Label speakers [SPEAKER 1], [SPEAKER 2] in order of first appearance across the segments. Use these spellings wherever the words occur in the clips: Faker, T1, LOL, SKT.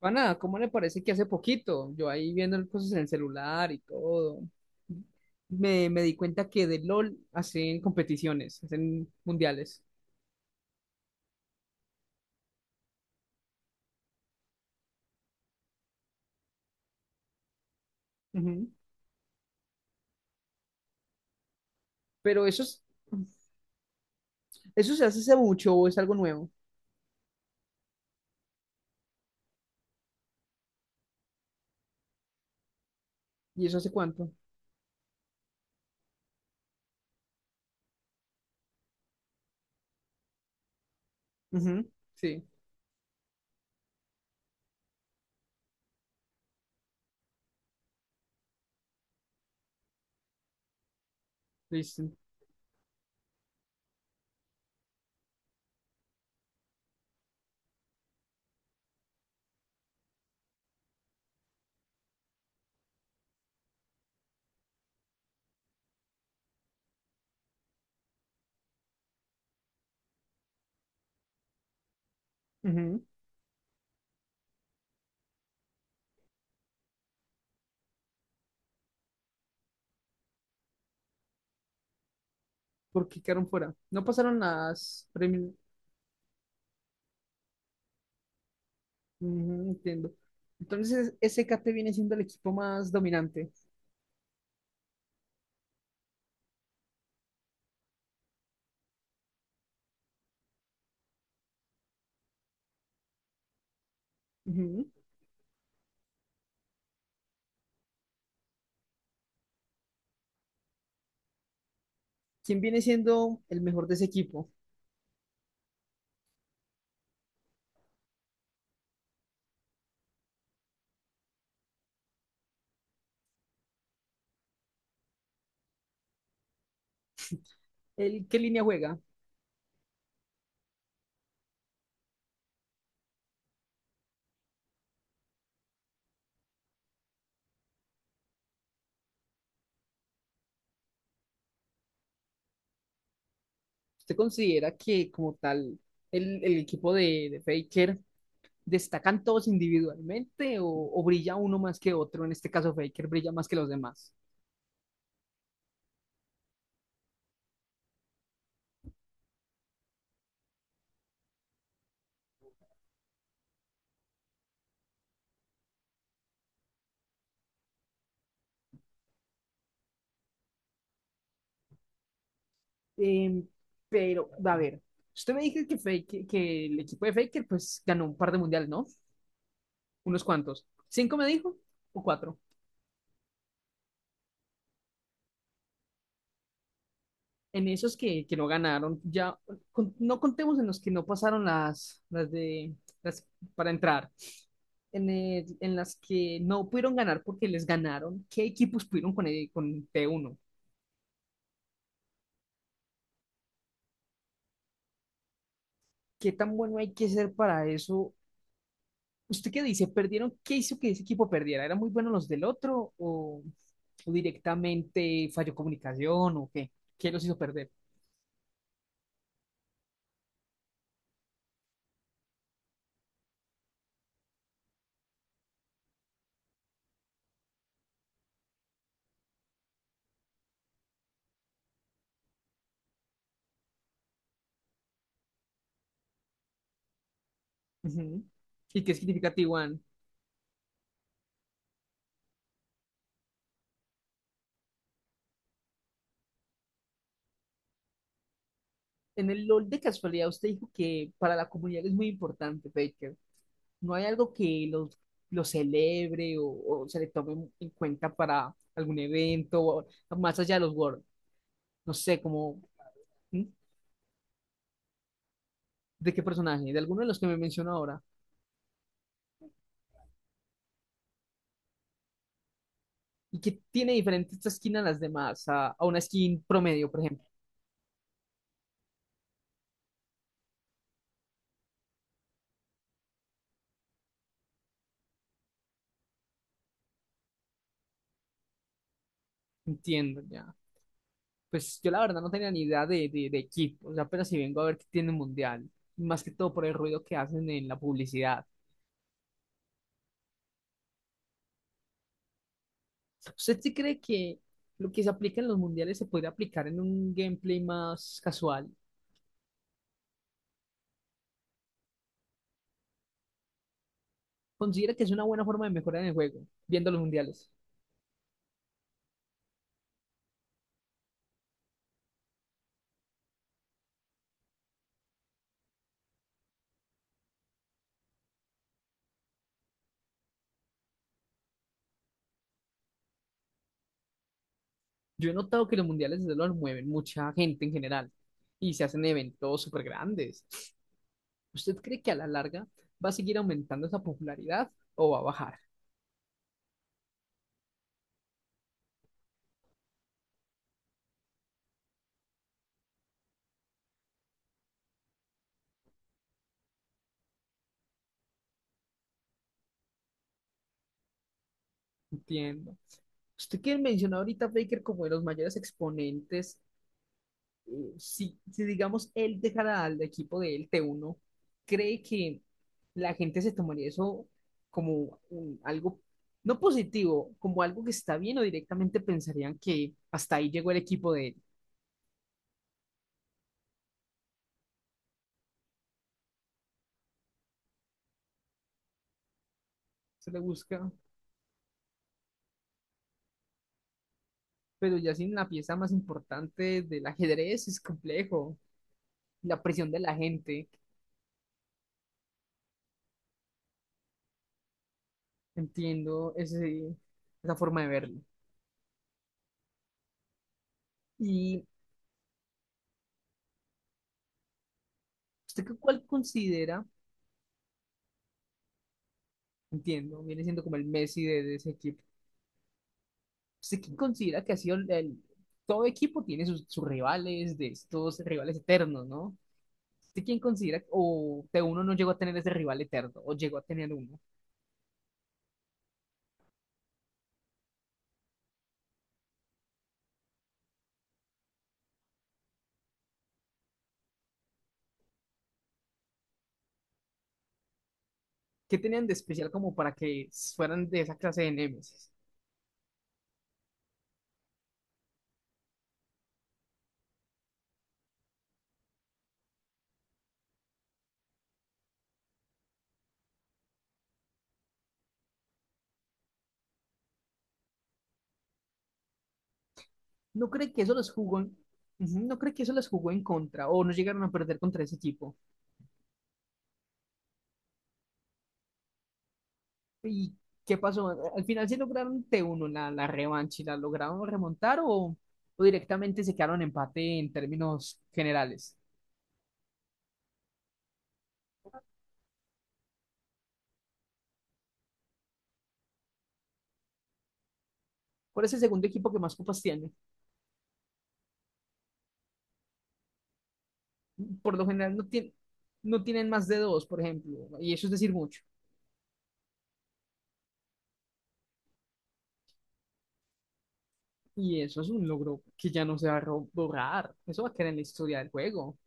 [SPEAKER 1] Pana, ¿cómo le parece que hace poquito, yo ahí viendo cosas en el celular y todo, me di cuenta que de LOL hacen competiciones, hacen mundiales? Ujú. Pero eso, eso se hace hace mucho o es algo nuevo. ¿Y eso hace cuánto? Ujú. Sí, listo. Ujú. ¿Por qué quedaron fuera? No pasaron las Ujú, entiendo. Entonces, SKT viene siendo el equipo más dominante. Ujú. ¿Quién viene siendo el mejor de ese equipo? ¿El, qué línea juega? ¿Usted considera que como tal el equipo de Faker destacan todos individualmente o brilla uno más que otro? En este caso Faker brilla más que los demás. Em, pero, a ver, usted me dijo que, que el equipo de Faker pues ganó un par de mundiales, ¿no? Unos cuantos. ¿Cinco me dijo? ¿O cuatro? En esos que no ganaron, ya no contemos en los que no pasaron las de las para entrar, en, en las que no pudieron ganar porque les ganaron, ¿qué equipos pudieron con, con T1? ¿Qué tan bueno hay que ser para eso? ¿Usted qué dice? ¿Perdieron? ¿Qué hizo que ese equipo perdiera? ¿Eran muy buenos los del otro o directamente falló comunicación o qué? ¿Qué los hizo perder? Ujú. ¿Y qué significa T1? En el LOL de casualidad usted dijo que para la comunidad es muy importante, Faker. ¿No hay algo que lo celebre o se le tome en cuenta para algún evento o más allá de los Worlds? No sé, como ¿mm? ¿De qué personaje? ¿De alguno de los que me mencionó ahora? ¿Y que tiene diferente esta skin a las demás, a una skin promedio, por ejemplo? Entiendo, ya. Pues yo la verdad no tenía ni idea de equipo, o sea, apenas si vengo a ver que tiene el mundial, más que todo por el ruido que hacen en la publicidad. ¿Usted sí cree que lo que se aplica en los mundiales se podría aplicar en un gameplay más casual? ¿Considera que es una buena forma de mejorar en el juego, viendo los mundiales? Yo he notado que los mundiales desde luego mueven mucha gente en general y se hacen eventos súper grandes. ¿Usted cree que a la larga va a seguir aumentando esa popularidad o va a bajar? Entiendo. Usted que mencionó ahorita a Baker como de los mayores exponentes, si, si digamos él dejara al equipo de él T1, ¿cree que la gente se tomaría eso como un- algo no positivo, como algo que está bien o directamente pensarían que hasta ahí llegó el equipo de él? Se le busca, pero ya sin la pieza más importante del ajedrez es complejo. La presión de la gente, entiendo ese, esa forma de verlo. ¿Y usted qué- cuál considera? Entiendo, viene siendo como el Messi de ese equipo. ¿Usted quién considera que ha sido el, todo equipo tiene sus, sus rivales, de estos rivales eternos, ¿no? ¿Usted quién considera o que uno no llegó a tener ese rival eterno o llegó a tener uno? ¿Qué tenían de especial como para que fueran de esa clase de némesis? ¿No cree que eso los jugó en, ujú, no cree que eso les jugó en contra o no llegaron a perder contra ese equipo? ¿Y qué pasó? ¿Al final sí lograron T1 la revancha y la lograron remontar o directamente se quedaron en empate en términos generales? ¿Cuál es el segundo equipo que más copas tiene? Por lo general no, tiene, no tienen más de dos, por ejemplo, y eso es decir mucho. Y eso es un logro que ya no se va a borrar. Eso va a quedar en la historia del juego.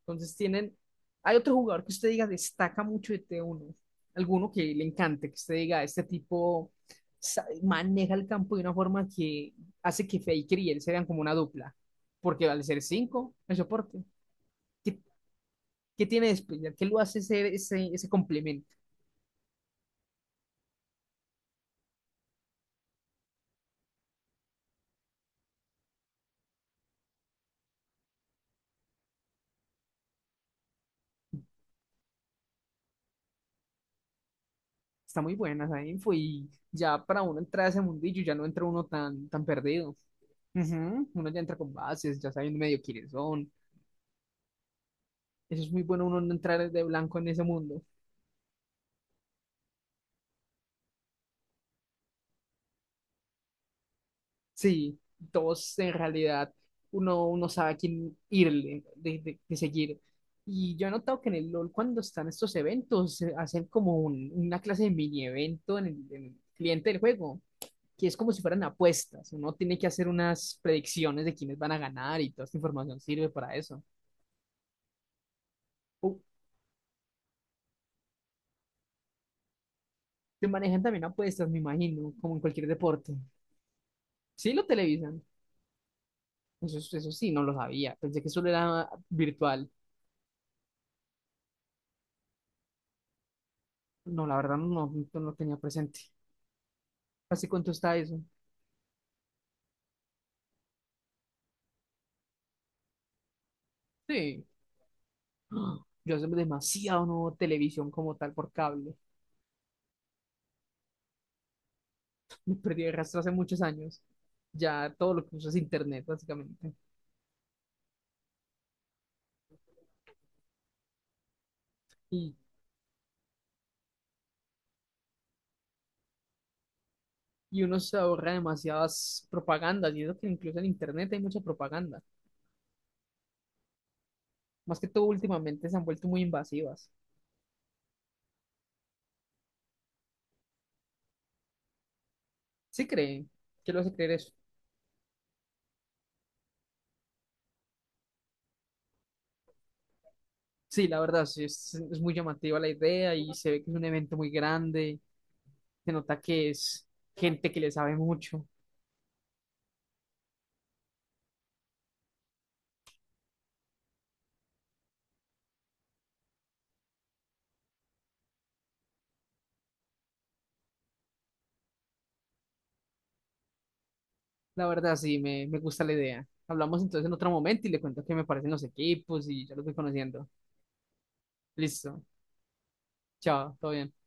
[SPEAKER 1] Entonces tienen... ¿Hay otro jugador que usted diga destaca mucho de t uno? ¿Alguno que le encante, que usted diga, este tipo maneja el campo de una forma que hace que Faker y él sean como una dupla? Porque al ser cinco, el soporte. ¿Qué, qué tiene de especial? ¿Qué lo hace ser ese, ese complemento? Está muy buena esa info y ya para uno entrar a ese mundillo ya no entra uno tan, tan perdido. Ujú, uno ya entra con bases, ya sabiendo medio quiénes son. Eso es muy bueno, uno no entrar de blanco en ese mundo. Sí, todos en realidad uno sabe a quién irle, de seguir. Y yo he notado que en el LOL cuando están estos eventos se hacen como un- una clase de mini evento en el cliente del juego, que es como si fueran apuestas. Uno tiene que hacer unas predicciones de quiénes van a ganar y toda esta información sirve para eso. Uh, te manejan también apuestas, me imagino, como en cualquier deporte. Sí, lo televisan. Eso sí, no lo sabía. Pensé que solo era virtual. No, la verdad no, no lo tenía presente. ¿Hace cuánto está eso? Sí. ¡Ah! Yo hace demasiado no veo televisión como tal por cable. Me perdí el rastro hace muchos años. Ya todo lo que uso es internet, básicamente. Y uno se ahorra demasiadas propagandas, y eso que incluso en internet hay mucha propaganda. Más que todo últimamente se han vuelto muy invasivas. ¿Sí creen? ¿Qué lo hace creer eso? Sí, la verdad, sí, es muy llamativa la idea y se ve que es un evento muy grande, se nota que es gente que le sabe mucho. La verdad, sí, me gusta la idea. Hablamos entonces en otro momento y le cuento qué me parecen los equipos y ya los voy conociendo. Listo, chao, todo bien.